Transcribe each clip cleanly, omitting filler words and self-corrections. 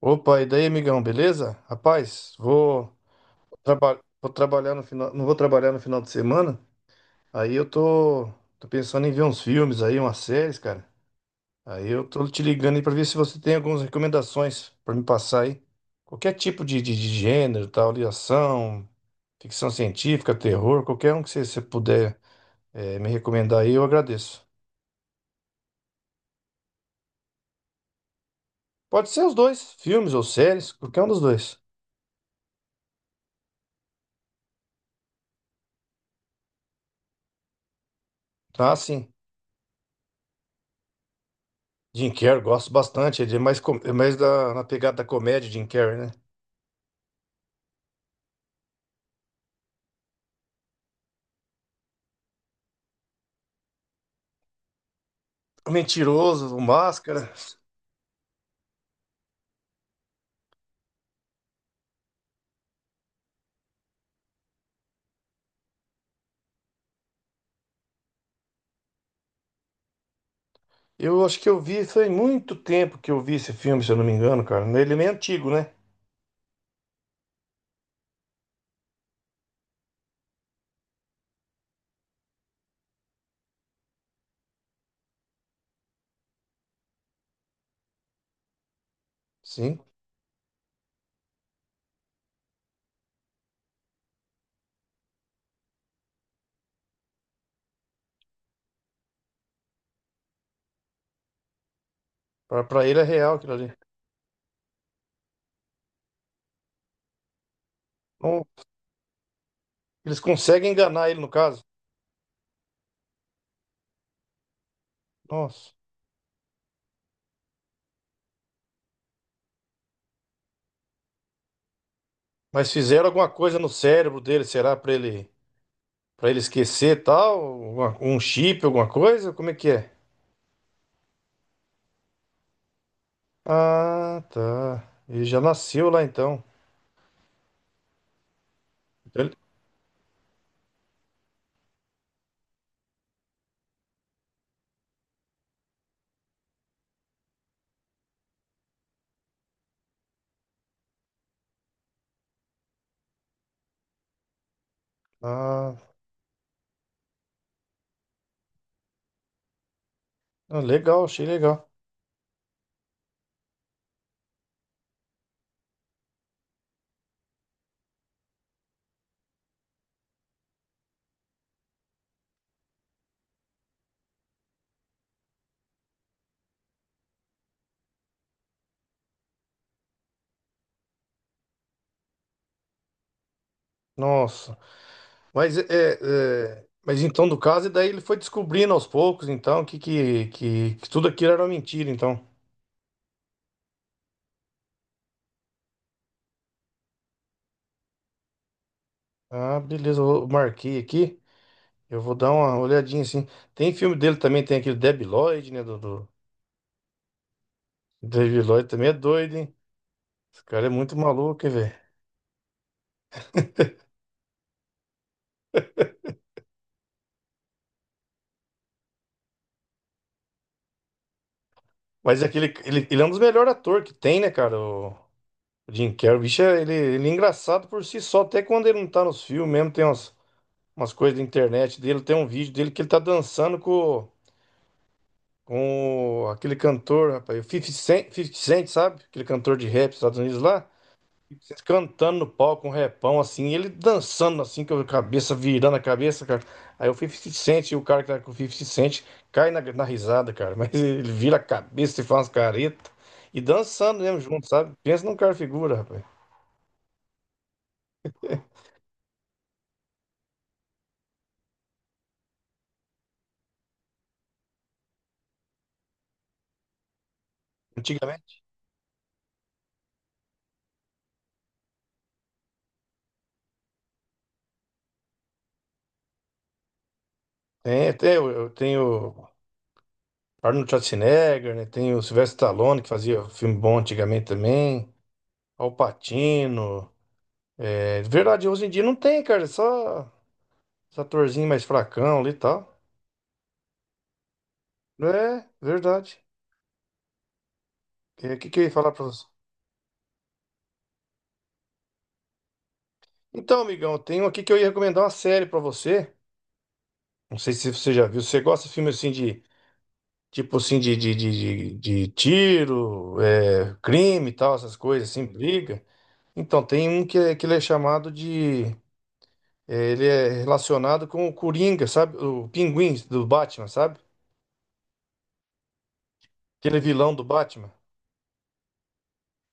Opa, e daí, amigão, beleza? Rapaz, vou trabalhar no final, não vou trabalhar no final de semana. Aí eu tô pensando em ver uns filmes aí, umas séries, cara. Aí eu tô te ligando aí pra ver se você tem algumas recomendações pra me passar aí. Qualquer tipo de gênero, tal, ali, ação, ficção científica, terror, qualquer um que você puder me recomendar aí, eu agradeço. Pode ser os dois, filmes ou séries, qualquer um dos dois. Tá, sim. Jim Carrey, gosto bastante. Ele é é mais na pegada da comédia, Jim Carrey, né? O Mentiroso, o Máscara. Eu acho que eu vi, foi muito tempo que eu vi esse filme, se eu não me engano, cara. Ele é meio antigo, né? Sim. Pra ele é real aquilo ali. Não- Eles conseguem enganar ele, no caso. Nossa. Mas fizeram alguma coisa no cérebro dele, será? Pra ele esquecer e tal? Um chip, alguma coisa? Como é que é? Ah, tá. Ele já nasceu lá então. Ele- Ah, legal, achei legal. Nossa. Mas é, mas então do caso e daí ele foi descobrindo aos poucos, então, que tudo aquilo era uma mentira, então. Ah, beleza, marquei aqui. Eu vou dar uma olhadinha assim. Tem filme dele também, tem aquele Debi Lloyd, né, do Debi Lloyd também é doido, hein? Esse cara é muito maluco, hein, velho. Mas é aquele ele é um dos melhores atores que tem, né, cara? O Jim Carrey, o bicho, ele é engraçado por si só, até quando ele não tá nos filmes mesmo, tem umas coisas da internet dele, tem um vídeo dele que ele tá dançando com aquele cantor, rapaz, o 50 Cent, 50 Cent, sabe? Aquele cantor de rap dos Estados Unidos lá. Cantando no palco, um repão assim, ele dançando assim, com a cabeça, virando a cabeça, cara. Aí o 50 Cent, e o cara que tá com o 50 Cent, cai na risada, cara. Mas ele vira a cabeça e faz umas caretas. E dançando mesmo junto, sabe? Pensa num cara figura, rapaz. Antigamente. Eu tenho Arnold Schwarzenegger, né? Tem o Sylvester Stallone, que fazia filme bom antigamente também. Al Pacino. É verdade, hoje em dia não tem, cara. Só os atorzinhos mais fracão ali e tal. É, verdade. O que, que eu ia falar pra você? Então, amigão, eu tenho aqui que eu ia recomendar uma série pra você. Não sei se você já viu. Você gosta de filme assim de. Tipo assim, de tiro, é, crime e tal, essas coisas, assim, briga. Então, tem um que, ele é chamado de. Ele é relacionado com o Coringa, sabe? O Pinguim do Batman, sabe? Aquele vilão do Batman.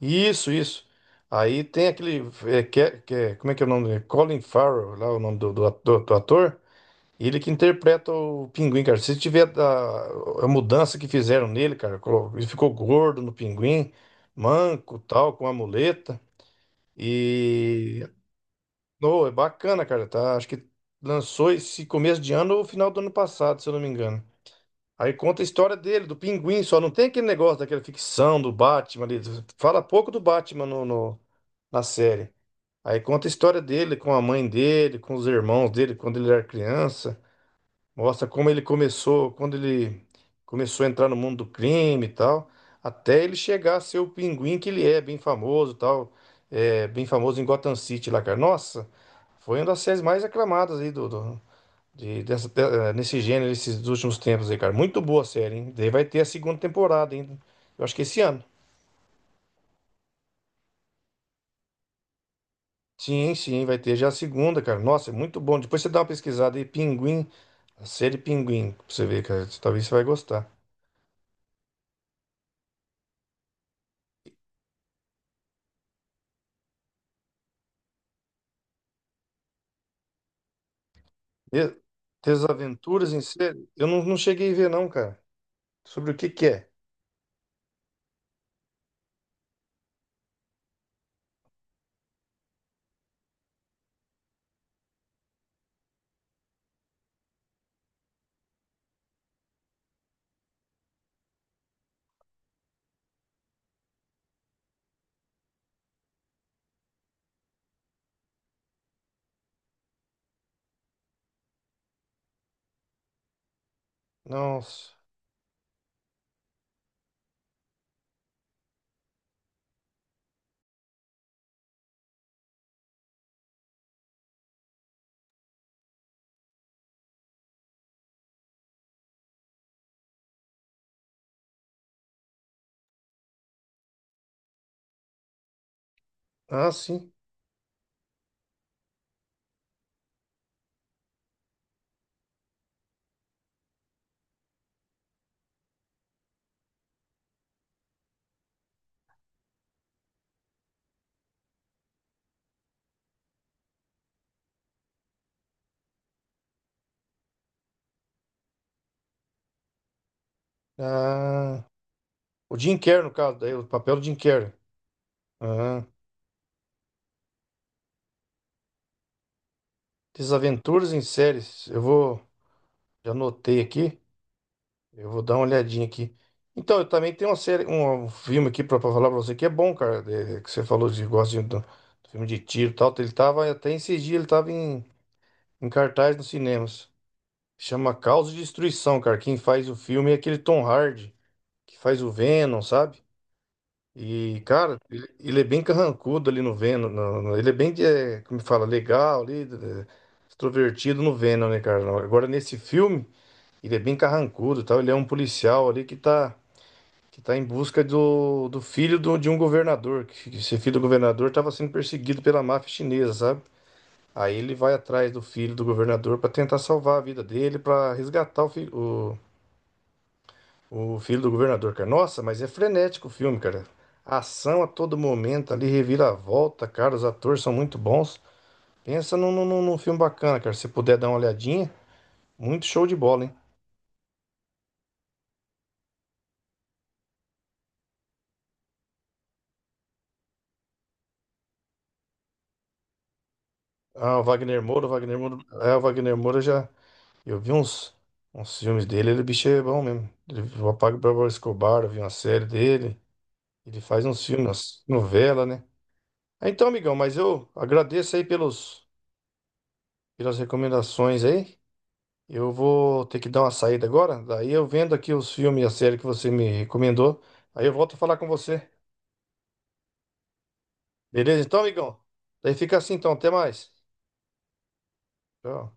Isso, isso. Aí tem aquele. Como é que é o nome dele? Colin Farrell, lá o nome do do ator. Ele que interpreta o Pinguim, cara. Se tiver a mudança que fizeram nele, cara, ele ficou gordo no Pinguim, manco, tal, com a muleta. E. Oh, é bacana, cara. Tá? Acho que lançou esse começo de ano ou final do ano passado, se eu não me engano. Aí conta a história dele, do Pinguim, só não tem aquele negócio daquela ficção do Batman ali. Fala pouco do Batman na série. Aí conta a história dele com a mãe dele, com os irmãos dele, quando ele era criança. Mostra como ele começou, quando ele começou a entrar no mundo do crime e tal, até ele chegar a ser o Pinguim que ele é, bem famoso e tal. É, bem famoso em Gotham City lá, cara. Nossa, foi uma das séries mais aclamadas aí dessa, nesse gênero, esses últimos tempos aí, cara. Muito boa a série, hein? Daí vai ter a segunda temporada, hein? Eu acho que esse ano. Sim, vai ter já a segunda, cara. Nossa, é muito bom. Depois você dá uma pesquisada aí, Pinguim, a série Pinguim, pra você ver, cara. Talvez você vai gostar. E- Desaventuras em série? Eu não, não cheguei a ver, não, cara. Sobre o que que é? Nossa. Ah, sim. Ah, o Jim Carrey, no caso, daí, o papel do Jim Carrey. Ah, Desaventuras em séries. Eu vou. Já anotei aqui. Eu vou dar uma olhadinha aqui. Então, eu também tenho uma série, um filme aqui pra falar pra você que é bom, cara. Que você falou de gosta do filme de tiro e tal. Ele tava até esses dias, ele tava em cartaz nos cinemas. Chama Caos e Destruição, cara. Quem faz o filme é aquele Tom Hardy, que faz o Venom, sabe? E, cara, ele é bem carrancudo ali no Venom. Ele é bem, é, como fala, legal ali, é, extrovertido no Venom, né, cara? Agora, nesse filme, ele é bem carrancudo e tal. Ele é um policial ali que tá. Que está em busca do filho de um governador. Que esse filho do governador estava sendo perseguido pela máfia chinesa, sabe? Aí ele vai atrás do filho do governador para tentar salvar a vida dele, para resgatar o filho do governador, cara. Nossa, mas é frenético o filme, cara. Ação a todo momento ali, reviravolta, cara. Os atores são muito bons. Pensa num filme bacana, cara. Se puder dar uma olhadinha, muito show de bola, hein? Ah, o Wagner Moura, o Wagner Moura já. Eu vi uns filmes dele, ele o bicho é bom mesmo. Ele, o Pablo Escobar, eu vi uma série dele. Ele faz uns filmes, umas novela, né? Ah, Então, amigão, mas eu agradeço aí pelas recomendações aí. Eu vou ter que dar uma saída agora. Daí eu vendo aqui os filmes e a série que você me recomendou. Aí eu volto a falar com você. Beleza, então, amigão? Daí fica assim, então. Até mais. Tchau.